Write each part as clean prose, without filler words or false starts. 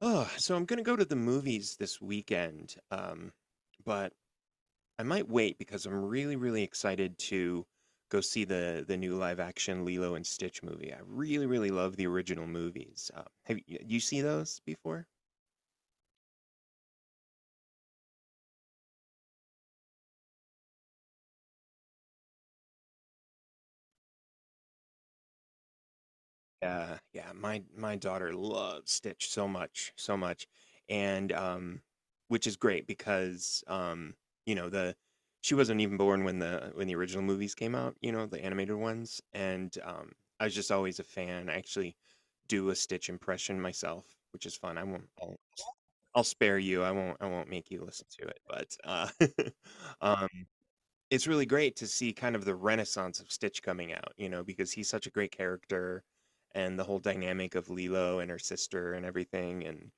Oh, so I'm gonna go to the movies this weekend, but I might wait because I'm really, really excited to go see the new live action Lilo and Stitch movie. I really, really love the original movies. Have you see those before? Yeah, yeah. My daughter loves Stitch so much, so much, and which is great because you know, the she wasn't even born when the original movies came out, you know, the animated ones, and I was just always a fan. I actually do a Stitch impression myself, which is fun. I won't. I'll spare you. I won't. I won't make you listen to it. But uh, it's really great to see kind of the renaissance of Stitch coming out, you know, because he's such a great character, and the whole dynamic of Lilo and her sister and everything, and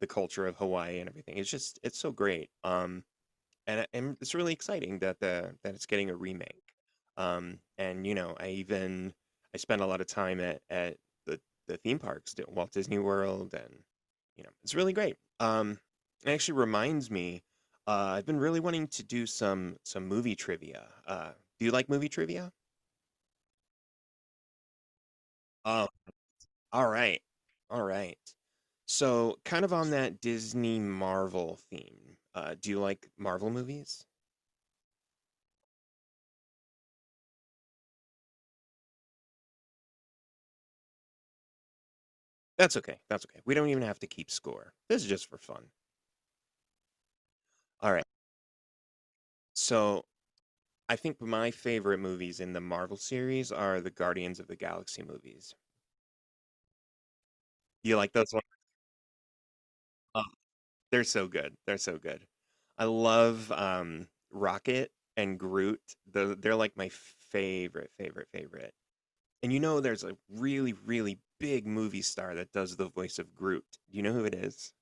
the culture of Hawaii and everything. It's just it's so great. And it's really exciting that the that it's getting a remake. And you know, I spent a lot of time at the the theme parks, the Walt Disney World, and you know, it's really great. It actually reminds me, uh, I've been really wanting to do some movie trivia. Do you like movie trivia? Oh, all right, all right. So, kind of on that Disney Marvel theme, do you like Marvel movies? That's okay, that's okay. We don't even have to keep score. This is just for fun. Alright, so I think my favorite movies in the Marvel series are the Guardians of the Galaxy movies. You like those ones? Oh, they're so good, they're so good. I love, Rocket and Groot. Tho They're like my favorite, favorite, favorite. And you know there's a really, really big movie star that does the voice of Groot. Do you know who it is?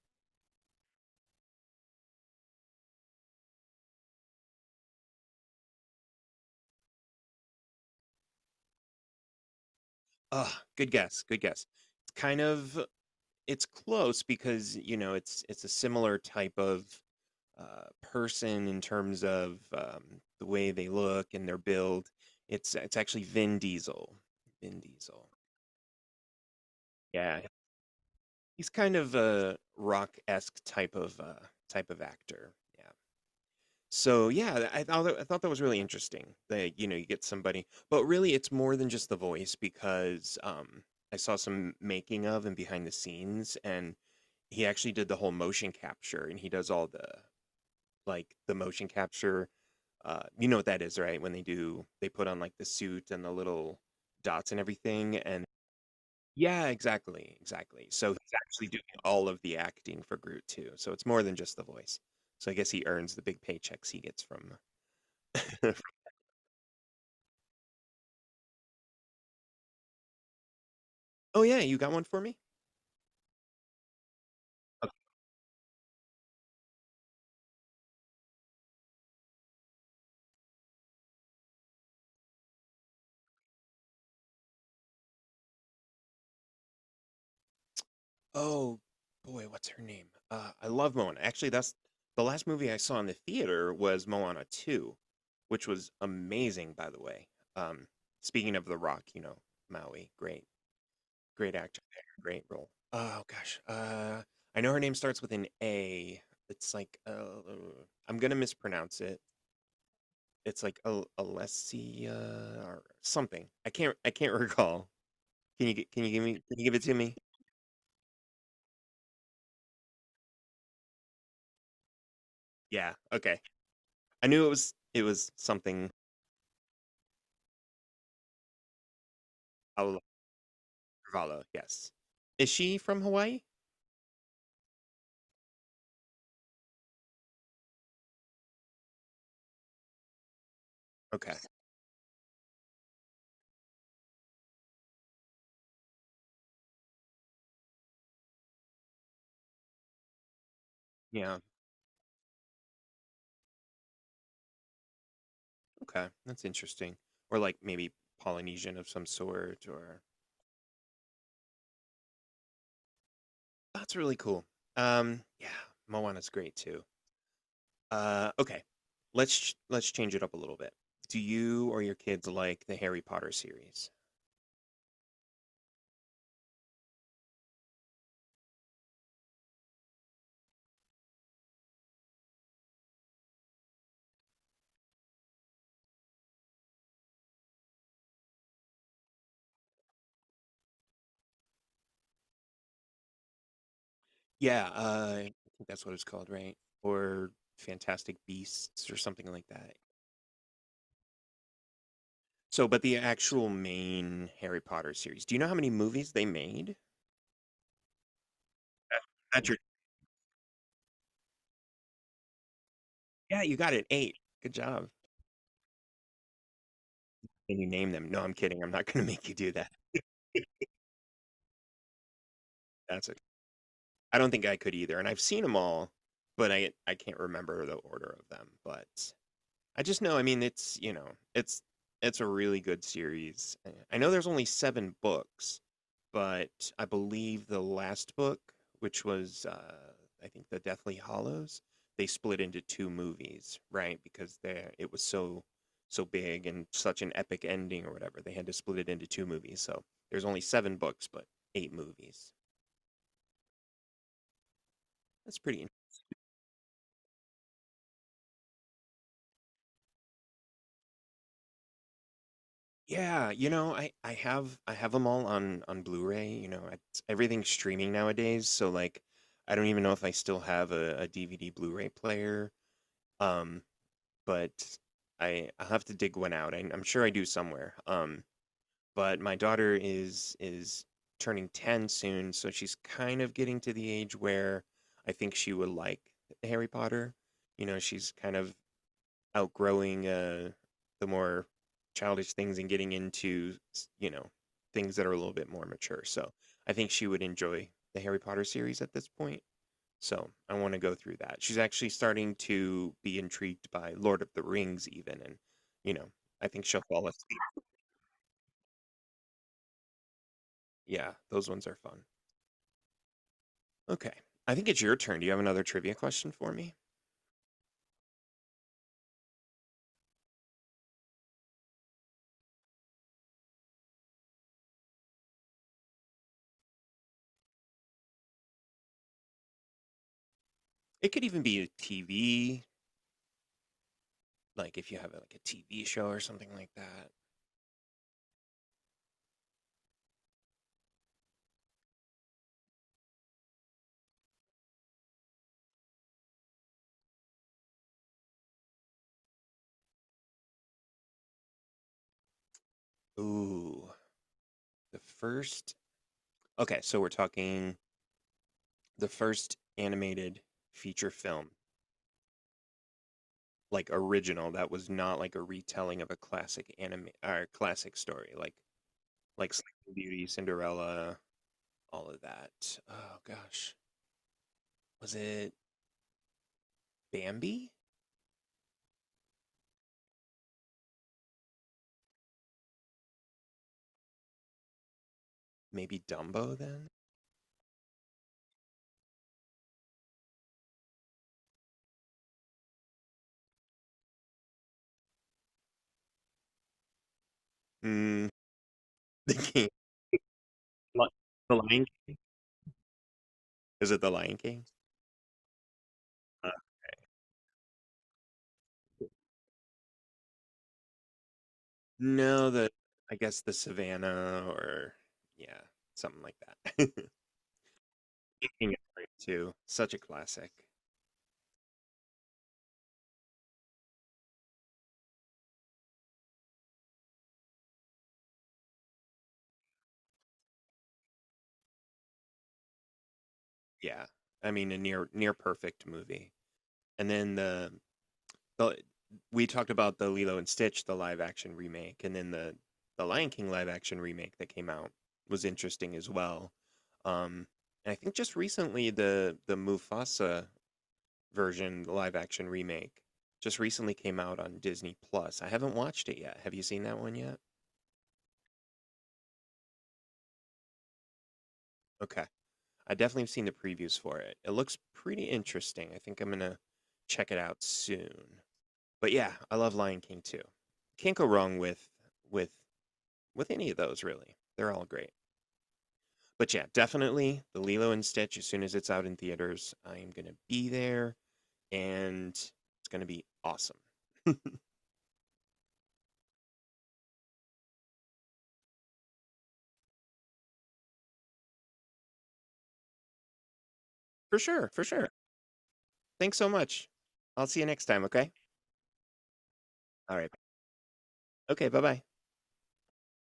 Ugh, good guess, good guess. It's kind of It's close because, you know, it's a similar type of person in terms of the way they look and their build. It's actually Vin Diesel. Vin Diesel. Yeah, he's kind of a rock-esque type of type of actor. Yeah. So yeah, I thought that was really interesting. That you know you get somebody, but really it's more than just the voice because I saw some making of and behind the scenes, and he actually did the whole motion capture, and he does all the motion capture. You know what that is, right? When they put on like the suit and the little dots and everything. And yeah, exactly, exactly. So he's actually doing all of the acting for Groot too, so it's more than just the voice, so I guess he earns the big paychecks he gets from Oh yeah, you got one for me? Oh, boy, what's her name? I love Moana. Actually, that's the last movie I saw in the theater was Moana 2, which was amazing, by the way. Um, Speaking of The Rock, you know, Maui, great, great actor there, great role. Oh gosh, I know her name starts with an A. It's like I'm gonna mispronounce it. It's like Alessia or something. I can't recall. Can you give it to me? Yeah, okay. I knew it was something. Paula Carvalho, yes. Is she from Hawaii? Okay. Yeah, okay, that's interesting. Or, like, maybe Polynesian of some sort, or that's really cool. Yeah, Moana's great too. Okay, let's change it up a little bit. Do you or your kids like the Harry Potter series? Yeah, I think that's what it's called, right? Or Fantastic Beasts or something like that. So, but the actual main Harry Potter series, do you know how many movies they made? That that Yeah, you got it. 8. Good job. Can you name them? No, I'm kidding. I'm not gonna make you do that. That's it. I don't think I could either, and I've seen them all, but I can't remember the order of them, but I just know, I mean, it's, you know, it's it's a really good series. Eh, I know there's only 7 books, but I believe the last book, which was I think the Deathly Hallows, they split into two movies, right? Because there it was so so big and such an epic ending or whatever. They had to split it into two movies. So there's only seven books, but eight movies. That's pretty. Yeah, you know, I have them all on Blu-ray. You know, it's, everything's streaming nowadays, so like I don't even know if I still have a, DVD Blu-ray player. Um, but I I'll have to dig one out. I, I'm sure I do somewhere. But my daughter is turning 10 soon, so she's kind of getting to the age where I think she would like Harry Potter. You know, she's kind of outgrowing the more childish things and getting into, you know, things that are a little bit more mature. So I think she would enjoy the Harry Potter series at this point. So I want to go through that. She's actually starting to be intrigued by Lord of the Rings, even. And, you know, I think she'll fall asleep. Yeah, those ones are fun. Okay. I think it's your turn. Do you have another trivia question for me? It could even be a TV, like if you have like a TV show or something like that. Ooh, the first. Okay, so we're talking the first animated feature film, like original, that was not like a retelling of a classic anime or classic story. Like Sleeping Beauty, Cinderella, all of that. Oh gosh, was it Bambi? Maybe Dumbo then? Mm, the King, Li- the Lion King. Is it the Lion King? Uh, no, the I guess the Savannah or yeah, something like that. King is great too. Such a classic. Yeah, I mean a near perfect movie. And then the we talked about the Lilo and Stitch, the live action remake, and then the Lion King live action remake that came out was interesting as well. Um, and I think just recently the Mufasa version, the live action remake, just recently came out on Disney Plus. I haven't watched it yet. Have you seen that one yet? Okay, I definitely have seen the previews for it. It looks pretty interesting. I think I'm gonna check it out soon. But yeah, I love Lion King too. Can't go wrong with with with any of those really. They're all great. But yeah, definitely the Lilo and Stitch. As soon as it's out in theaters, I am gonna be there, and it's gonna be awesome. For sure, for sure. Thanks so much. I'll see you next time. Okay. All right. Okay. Bye bye.